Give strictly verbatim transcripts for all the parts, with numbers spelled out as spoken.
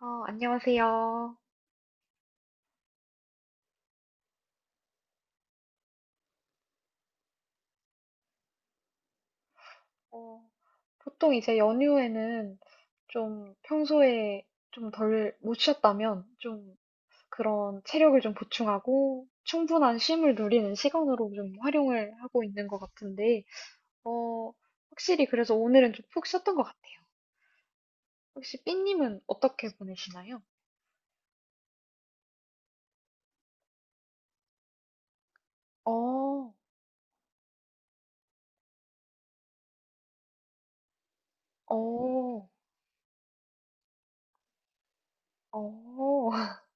어, 안녕하세요. 어, 보통 이제 연휴에는 좀 평소에 좀 덜 못 쉬었다면 좀 그런 체력을 좀 보충하고 충분한 쉼을 누리는 시간으로 좀 활용을 하고 있는 것 같은데, 어, 확실히 그래서 오늘은 좀 푹 쉬었던 것 같아요. 혹시 삐님은 어떻게 보내시나요? 어, 어, 어,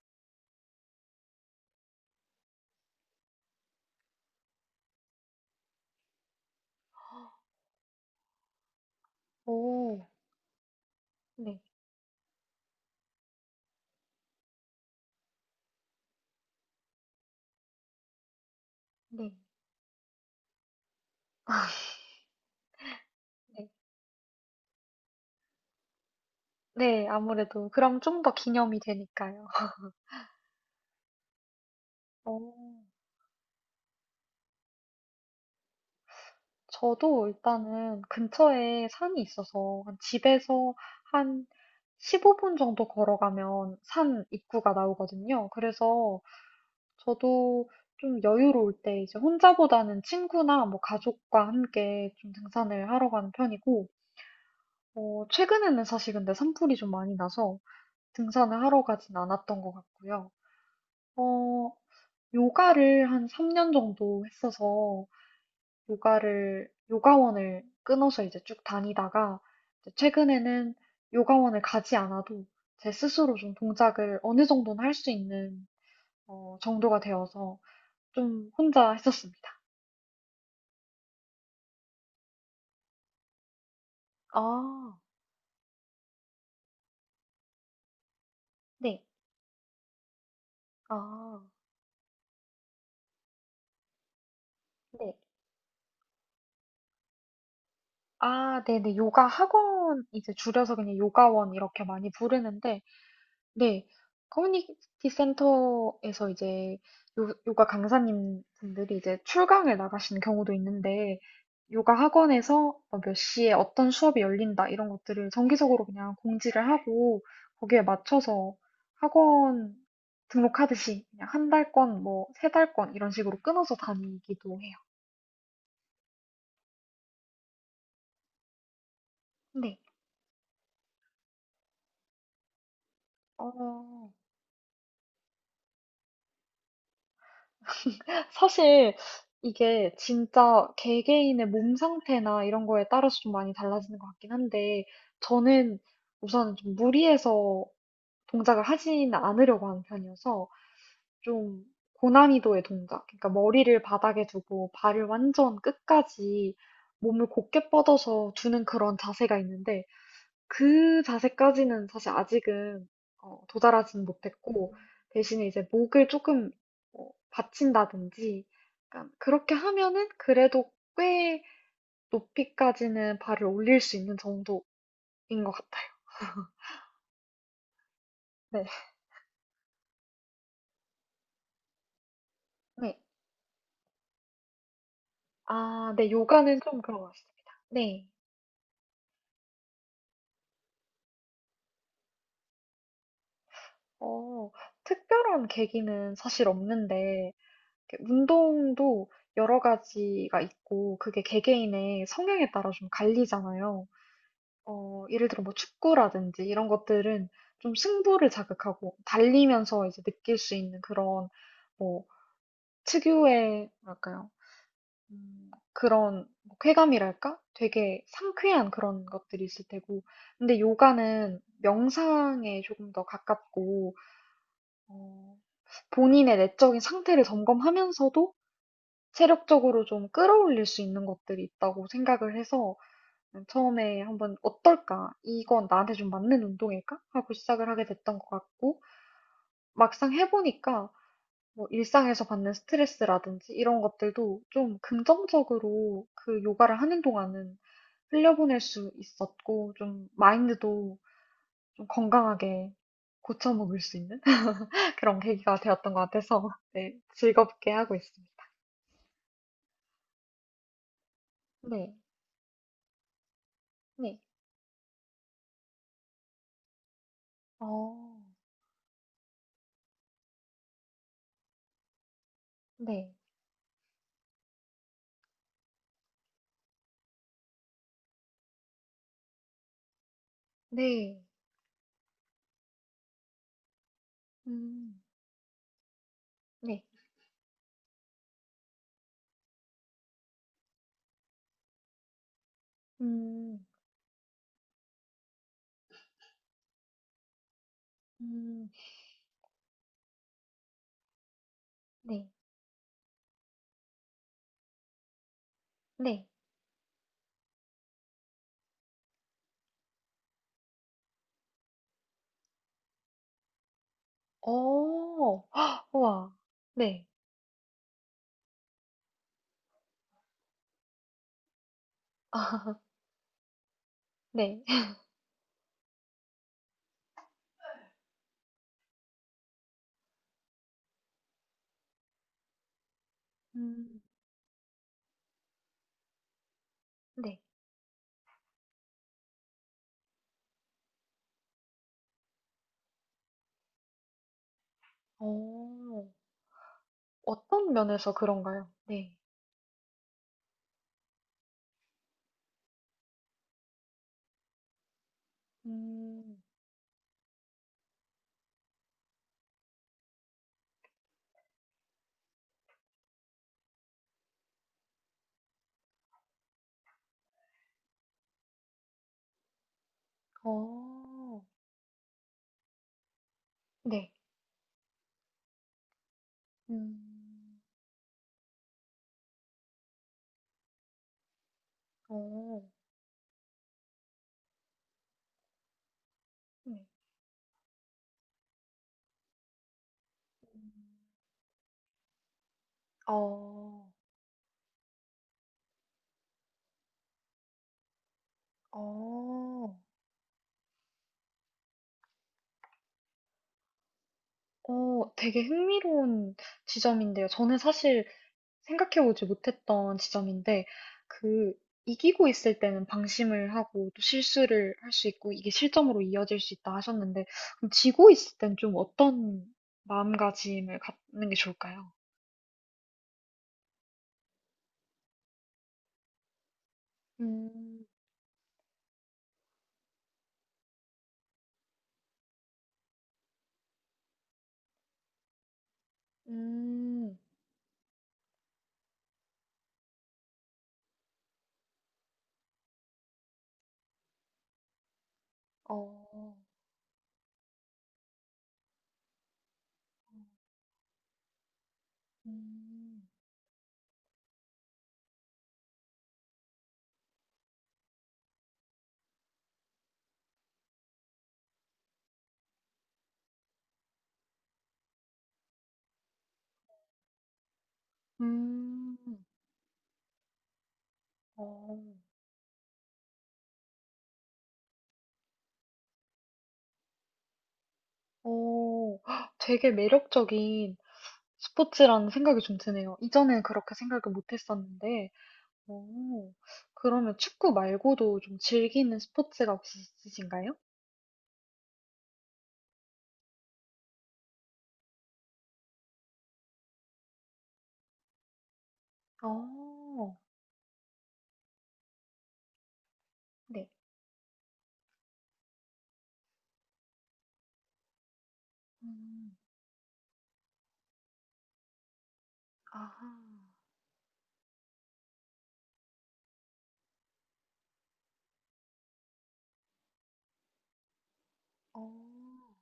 오, 네, 네, 네, 네, 아무래도 그럼 좀 더 기념이 되니까요. 어. 저도 일단은 근처에 산이 있어서 한 집에서 한 십오 분 정도 걸어가면 산 입구가 나오거든요. 그래서 저도 좀 여유로울 때 이제 혼자보다는 친구나 뭐 가족과 함께 좀 등산을 하러 가는 편이고, 어, 최근에는 사실 근데 산불이 좀 많이 나서 등산을 하러 가진 않았던 것 같고요. 어, 요가를 한 삼 년 정도 했어서 요가를 요가원을 끊어서 이제 쭉 다니다가 이제 최근에는 요가원을 가지 않아도 제 스스로 좀 동작을 어느 정도는 할 수 있는 어, 정도가 되어서 좀 혼자 했었습니다. 아, 네. 아, 네. 아, 네네. 요가 학원 이제 줄여서 그냥 요가원 이렇게 많이 부르는데 네. 커뮤니티 센터에서 이제 요, 요가 강사님 분들이 이제 출강을 나가시는 경우도 있는데, 요가 학원에서 뭐몇 시에 어떤 수업이 열린다, 이런 것들을 정기적으로 그냥 공지를 하고, 거기에 맞춰서 학원 등록하듯이 그냥 한 달권, 뭐, 세 달권, 이런 식으로 끊어서 다니기도 해요. 네. 어, 사실 이게 진짜 개개인의 몸 상태나 이런 거에 따라서 좀 많이 달라지는 것 같긴 한데, 저는 우선 좀 무리해서 동작을 하지는 않으려고 하는 편이어서 좀 고난이도의 동작, 그러니까 머리를 바닥에 두고 발을 완전 끝까지 몸을 곧게 뻗어서 두는 그런 자세가 있는데, 그 자세까지는 사실 아직은 어, 도달하지는 못했고, 대신에 이제 목을 조금 어, 받친다든지, 약간 그렇게 하면은 그래도 꽤 높이까지는 발을 올릴 수 있는 정도인 것 같아요. 네. 네. 아, 네. 요가는 좀 그런 것 같습니다. 네. 어, 특별한 계기는 사실 없는데, 이렇게 운동도 여러 가지가 있고, 그게 개개인의 성향에 따라 좀 갈리잖아요. 어, 예를 들어 뭐 축구라든지 이런 것들은 좀 승부를 자극하고 달리면서 이제 느낄 수 있는 그런 뭐 특유의 뭐랄까요? 음, 그런 뭐 쾌감이랄까? 되게 상쾌한 그런 것들이 있을 테고. 근데 요가는 명상에 조금 더 가깝고 어, 본인의 내적인 상태를 점검하면서도 체력적으로 좀 끌어올릴 수 있는 것들이 있다고 생각을 해서 처음에 한번 어떨까? 이건 나한테 좀 맞는 운동일까? 하고 시작을 하게 됐던 것 같고, 막상 해보니까 뭐 일상에서 받는 스트레스라든지 이런 것들도 좀 긍정적으로 그 요가를 하는 동안은 흘려보낼 수 있었고, 좀 마인드도 좀 건강하게 고쳐먹을 수 있는 그런 계기가 되었던 것 같아서, 네, 즐겁게 하고 있습니다. 네, 네, 어, 네, 네, 음, 네, 음, 음. 네. 네. 어. 우와. 네. 아, 네. 음. 네. 어. 어떤 면에서 그런가요? 네. 음. 어. 네. 음. 어. 네. 음. 어. 어. 어, 되게 흥미로운 지점인데요. 저는 사실 생각해보지 못했던 지점인데, 그, 이기고 있을 때는 방심을 하고 또 실수를 할 수 있고 이게 실점으로 이어질 수 있다 하셨는데, 그럼 지고 있을 땐 좀 어떤 마음가짐을 갖는 게 좋을까요? 음, 음, 어, 음, 음, 어, 어, 헉, 되게 매력적인 스포츠라는 생각이 좀 드네요. 이전엔 그렇게 생각을 못 했었는데, 오, 그러면 축구 말고도 좀 즐기는 스포츠가 혹시 있으신가요? 어, 네. 음, 아하. 어,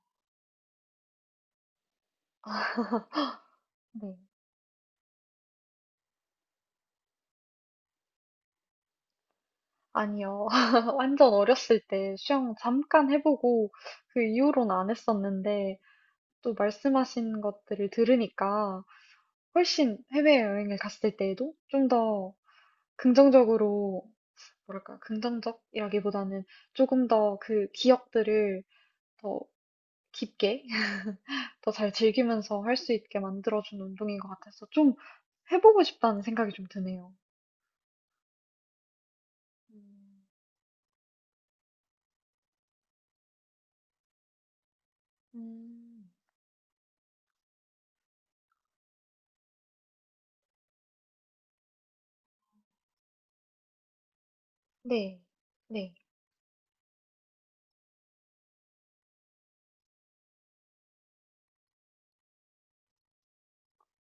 네. 아니요. 완전 어렸을 때 수영 잠깐 해보고 그 이후로는 안 했었는데 또 말씀하신 것들을 들으니까 훨씬 해외여행을 갔을 때에도 좀 더 긍정적으로, 뭐랄까, 긍정적이라기보다는 조금 더 그 기억들을 더 깊게 더 잘 즐기면서 할 수 있게 만들어준 운동인 것 같아서 좀 해보고 싶다는 생각이 좀 드네요. 음. 음. 네. 네.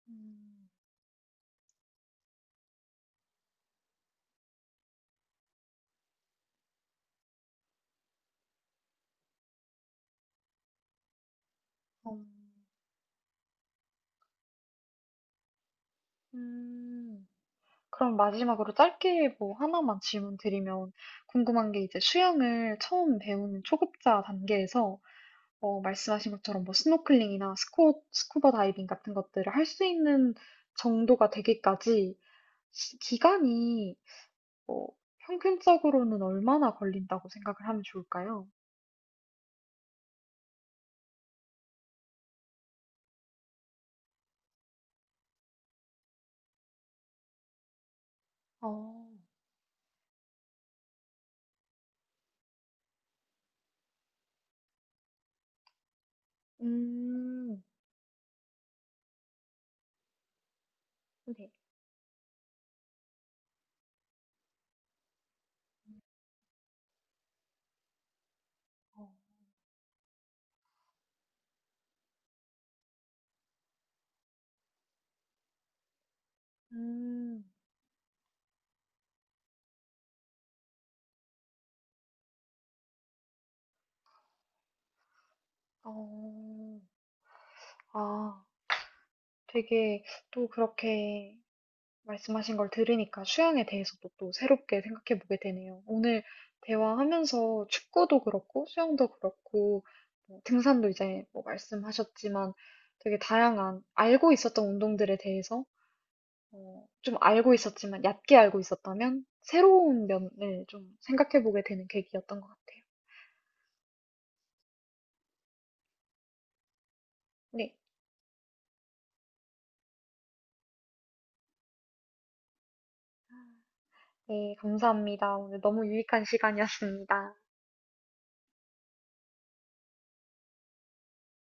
음. 어. 음. 그럼 마지막으로 짧게 뭐 하나만 질문 드리면 궁금한 게 이제 수영을 처음 배우는 초급자 단계에서 어 말씀하신 것처럼 뭐 스노클링이나 스쿠 스쿠버 다이빙 같은 것들을 할 수 있는 정도가 되기까지 시 기간이 어, 평균적으로는 얼마나 걸린다고 생각을 하면 좋을까요? 어, 음, 네. 어, 음, 어, 아, 되게 또 그렇게 말씀하신 걸 들으니까 수영에 대해서도 또 새롭게 생각해 보게 되네요. 오늘 대화하면서 축구도 그렇고 수영도 그렇고 뭐 등산도 이제 뭐 말씀하셨지만 되게 다양한 알고 있었던 운동들에 대해서 어, 좀 알고 있었지만, 얕게 알고 있었다면, 새로운 면을 좀 생각해보게 되는 계기였던 것 같아요. 네, 네, 감사합니다. 오늘 너무 유익한 시간이었습니다.